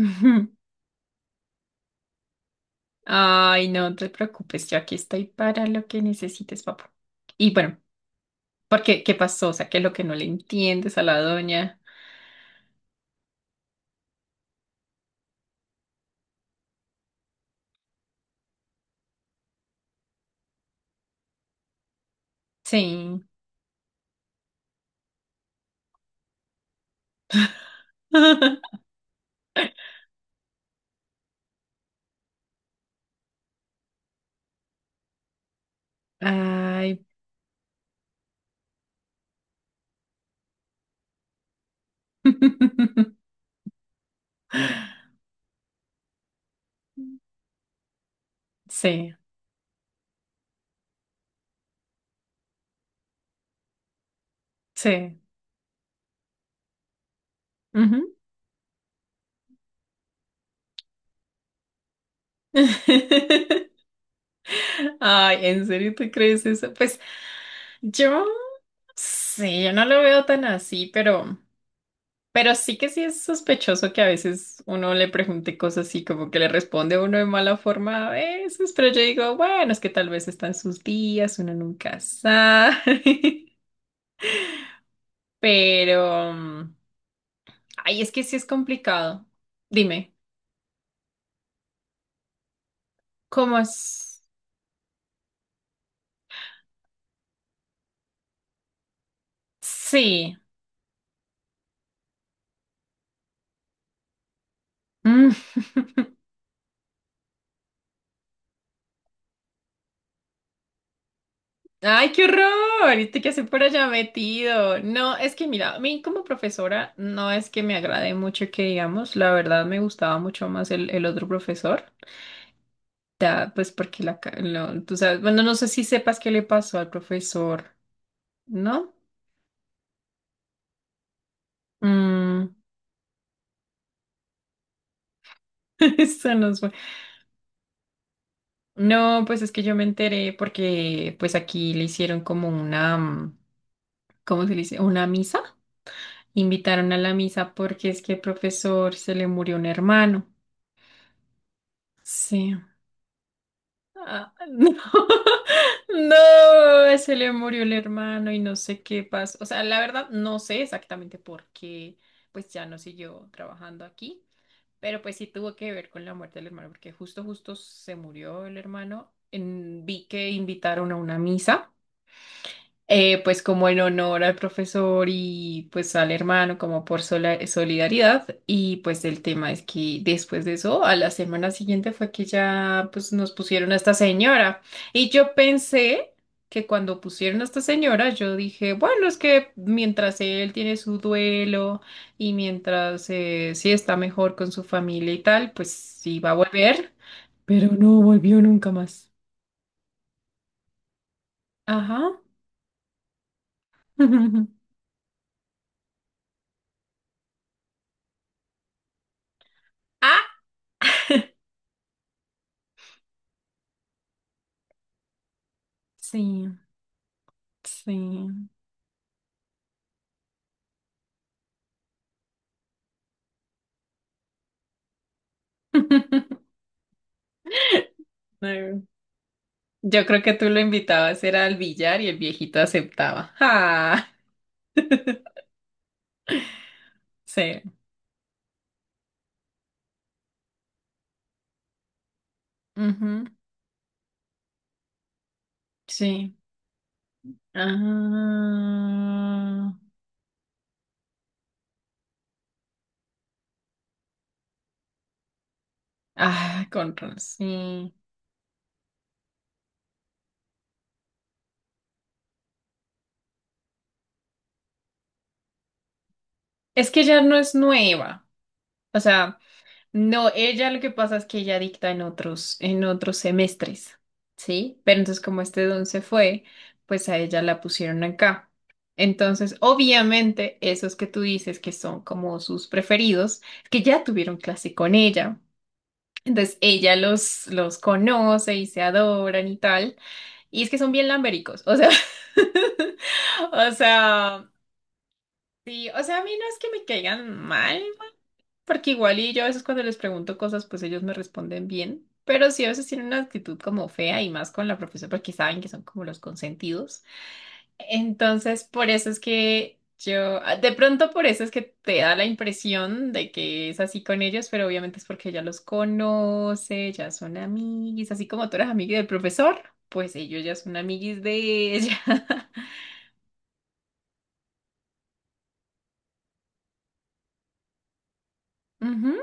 Ujú. Ay, no te preocupes, yo aquí estoy para lo que necesites, papá. Y bueno, ¿por qué? ¿Qué pasó? O sea, ¿qué es lo que no le entiendes a la doña? Sí. Ay. Sí, sí. Ujú. Ay, ¿en serio te crees eso? Pues yo, sí, yo no lo veo tan así, pero... Pero sí que sí es sospechoso que a veces uno le pregunte cosas así, como que le responde uno de mala forma a veces, pero yo digo, bueno, es que tal vez están sus días, uno nunca sabe. Pero, ay, es que sí es complicado. Dime, ¿cómo es? Sí. Mm. Ay, qué horror. ¿Y tú qué hace por allá metido? No, es que mira, a mí como profesora no es que me agrade mucho que digamos, la verdad me gustaba mucho más el otro profesor. Ya, pues porque la, ca- lo- tú sabes, bueno, no sé si sepas qué le pasó al profesor, ¿no? Mm, eso no fue. No, pues es que yo me enteré porque pues aquí le hicieron como una, ¿cómo se le dice? Una misa. Invitaron a la misa porque es que el profesor se le murió un hermano. Sí. Ah, no, no, se le murió el hermano y no sé qué pasó. O sea, la verdad no sé exactamente por qué, pues ya no siguió trabajando aquí, pero pues sí tuvo que ver con la muerte del hermano, porque justo, justo se murió el hermano. En- vi que invitaron a una misa pues como en honor al profesor y pues al hermano, como por solidaridad. Y pues el tema es que después de eso, a la semana siguiente fue que ya pues nos pusieron a esta señora. Y yo pensé que cuando pusieron a esta señora, yo dije, bueno, es que mientras él tiene su duelo y mientras sí está mejor con su familia y tal, pues sí va a volver. Pero no volvió nunca más. Ajá. Ah, sí, sí. No. Yo creo que tú lo invitabas era al billar y el viejito aceptaba. Ah, sí. Ujú, sí. Ah, ah, con razón, sí. Es que ya no es nueva. O sea, no, ella lo que pasa es que ella dicta en otros semestres, ¿sí? Pero entonces como este don se fue, pues a ella la pusieron acá. Entonces, obviamente, esos que tú dices que son como sus preferidos, que ya tuvieron clase con ella. Entonces, ella los conoce y se adoran y tal. Y es que son bien lambéricos, o sea, o sea, sí, o sea, a mí no es que me caigan mal, porque igual y yo a veces cuando les pregunto cosas, pues ellos me responden bien, pero sí a veces tienen una actitud como fea y más con la profesora porque saben que son como los consentidos. Entonces, por eso es que yo, ah, de pronto por eso es que te da la impresión de que es así con ellos, pero obviamente es porque ya los conoce, ya son amiguis, así como tú eras amiga del profesor, pues ellos ya son amiguis de ella. Ujú,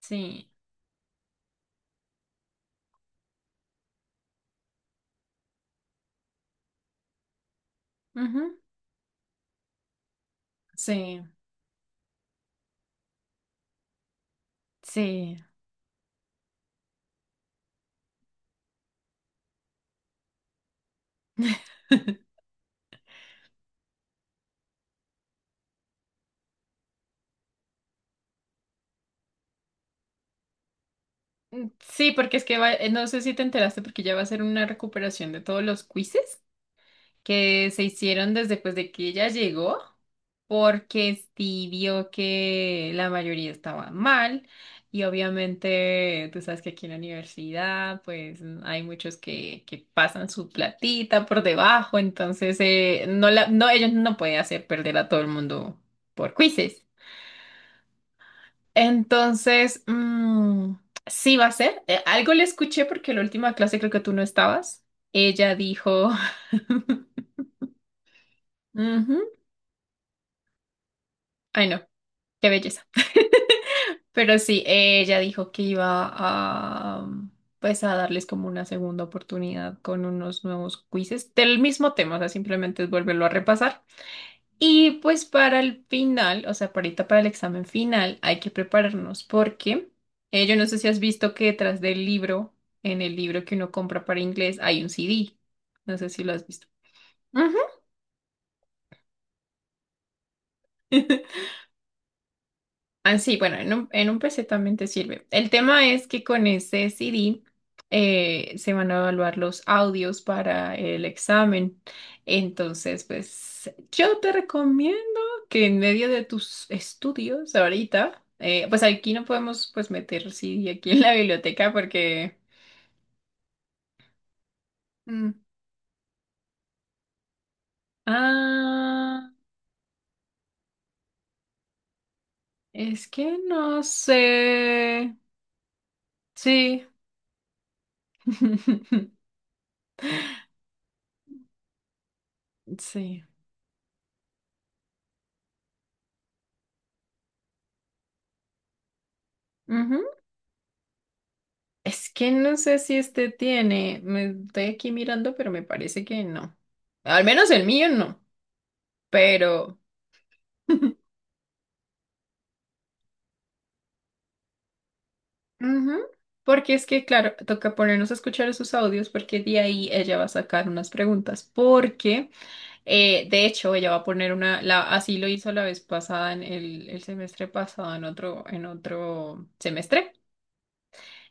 sí, ujú, sí, sí. Mm, sí, porque es que no sé si te enteraste, porque ya va a ser una recuperación de todos los quizzes que se hicieron desde pues, de que ella llegó, porque sí vio que la mayoría estaba mal y obviamente tú sabes que aquí en la universidad pues hay muchos que pasan su platita por debajo, entonces no la, no, ellos no pueden hacer perder a todo el mundo por quizzes. Entonces, sí va a ser. Algo le escuché porque la última clase creo que tú no estabas. Ella dijo, ujú, ay, no, qué belleza. Pero sí, ella dijo que iba a, pues, a darles como una segunda oportunidad con unos nuevos quizzes del mismo tema. O sea, simplemente es volverlo a repasar. Y pues para el final, o sea, para ahorita para el examen final, hay que prepararnos porque yo no sé si has visto que detrás del libro, en el libro que uno compra para inglés, hay un CD. No sé si lo has visto. Ujú. Ah, sí, bueno, en un PC también te sirve. El tema es que con ese CD se van a evaluar los audios para el examen. Entonces, pues yo te recomiendo que en medio de tus estudios ahorita, pues aquí no podemos pues meter CD aquí en la biblioteca porque... Mm, ah, es que no sé. Sí. Sí. Ujú. Es que no sé si este tiene. Me estoy aquí mirando, pero me parece que no. Al menos el mío no. Pero. Ujú, porque es que, claro, toca ponernos a escuchar esos audios porque de ahí ella va a sacar unas preguntas. Porque, de hecho, ella va a poner una, la, así lo hizo la vez pasada, en el semestre pasado, en otro semestre.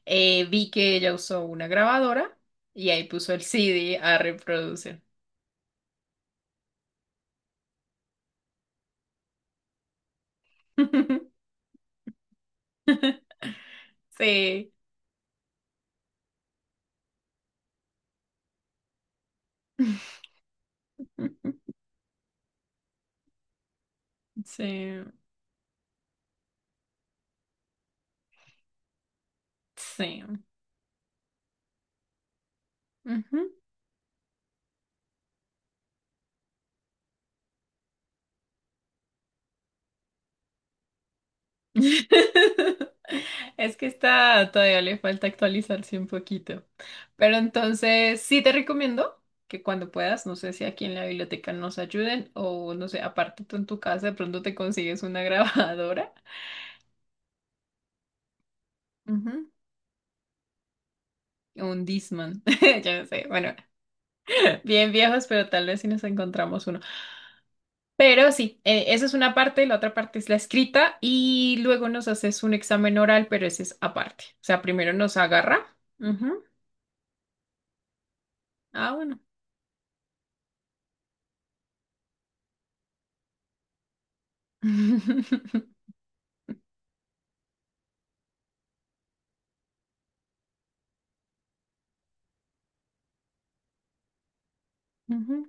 Vi que ella usó una grabadora y ahí puso el CD a reproducir. Sí. Sí, sí. Ujú. Es que está, todavía le falta actualizarse un poquito. Pero entonces, sí te recomiendo que cuando puedas, no sé si aquí en la biblioteca nos ayuden o no sé, aparte tú en tu casa de pronto te consigues una grabadora. Ujú. Un Discman, ya no sé. Bueno, bien viejos, pero tal vez si nos encontramos uno. Pero sí, esa es una parte, la otra parte es la escrita y luego nos haces un examen oral, pero ese es aparte. O sea, primero nos agarra. Ujú. Ah, bueno. Ujú.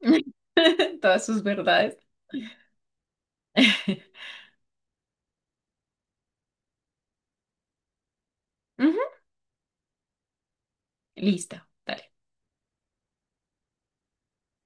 Todas sus verdades. Ujú. Listo. Dale.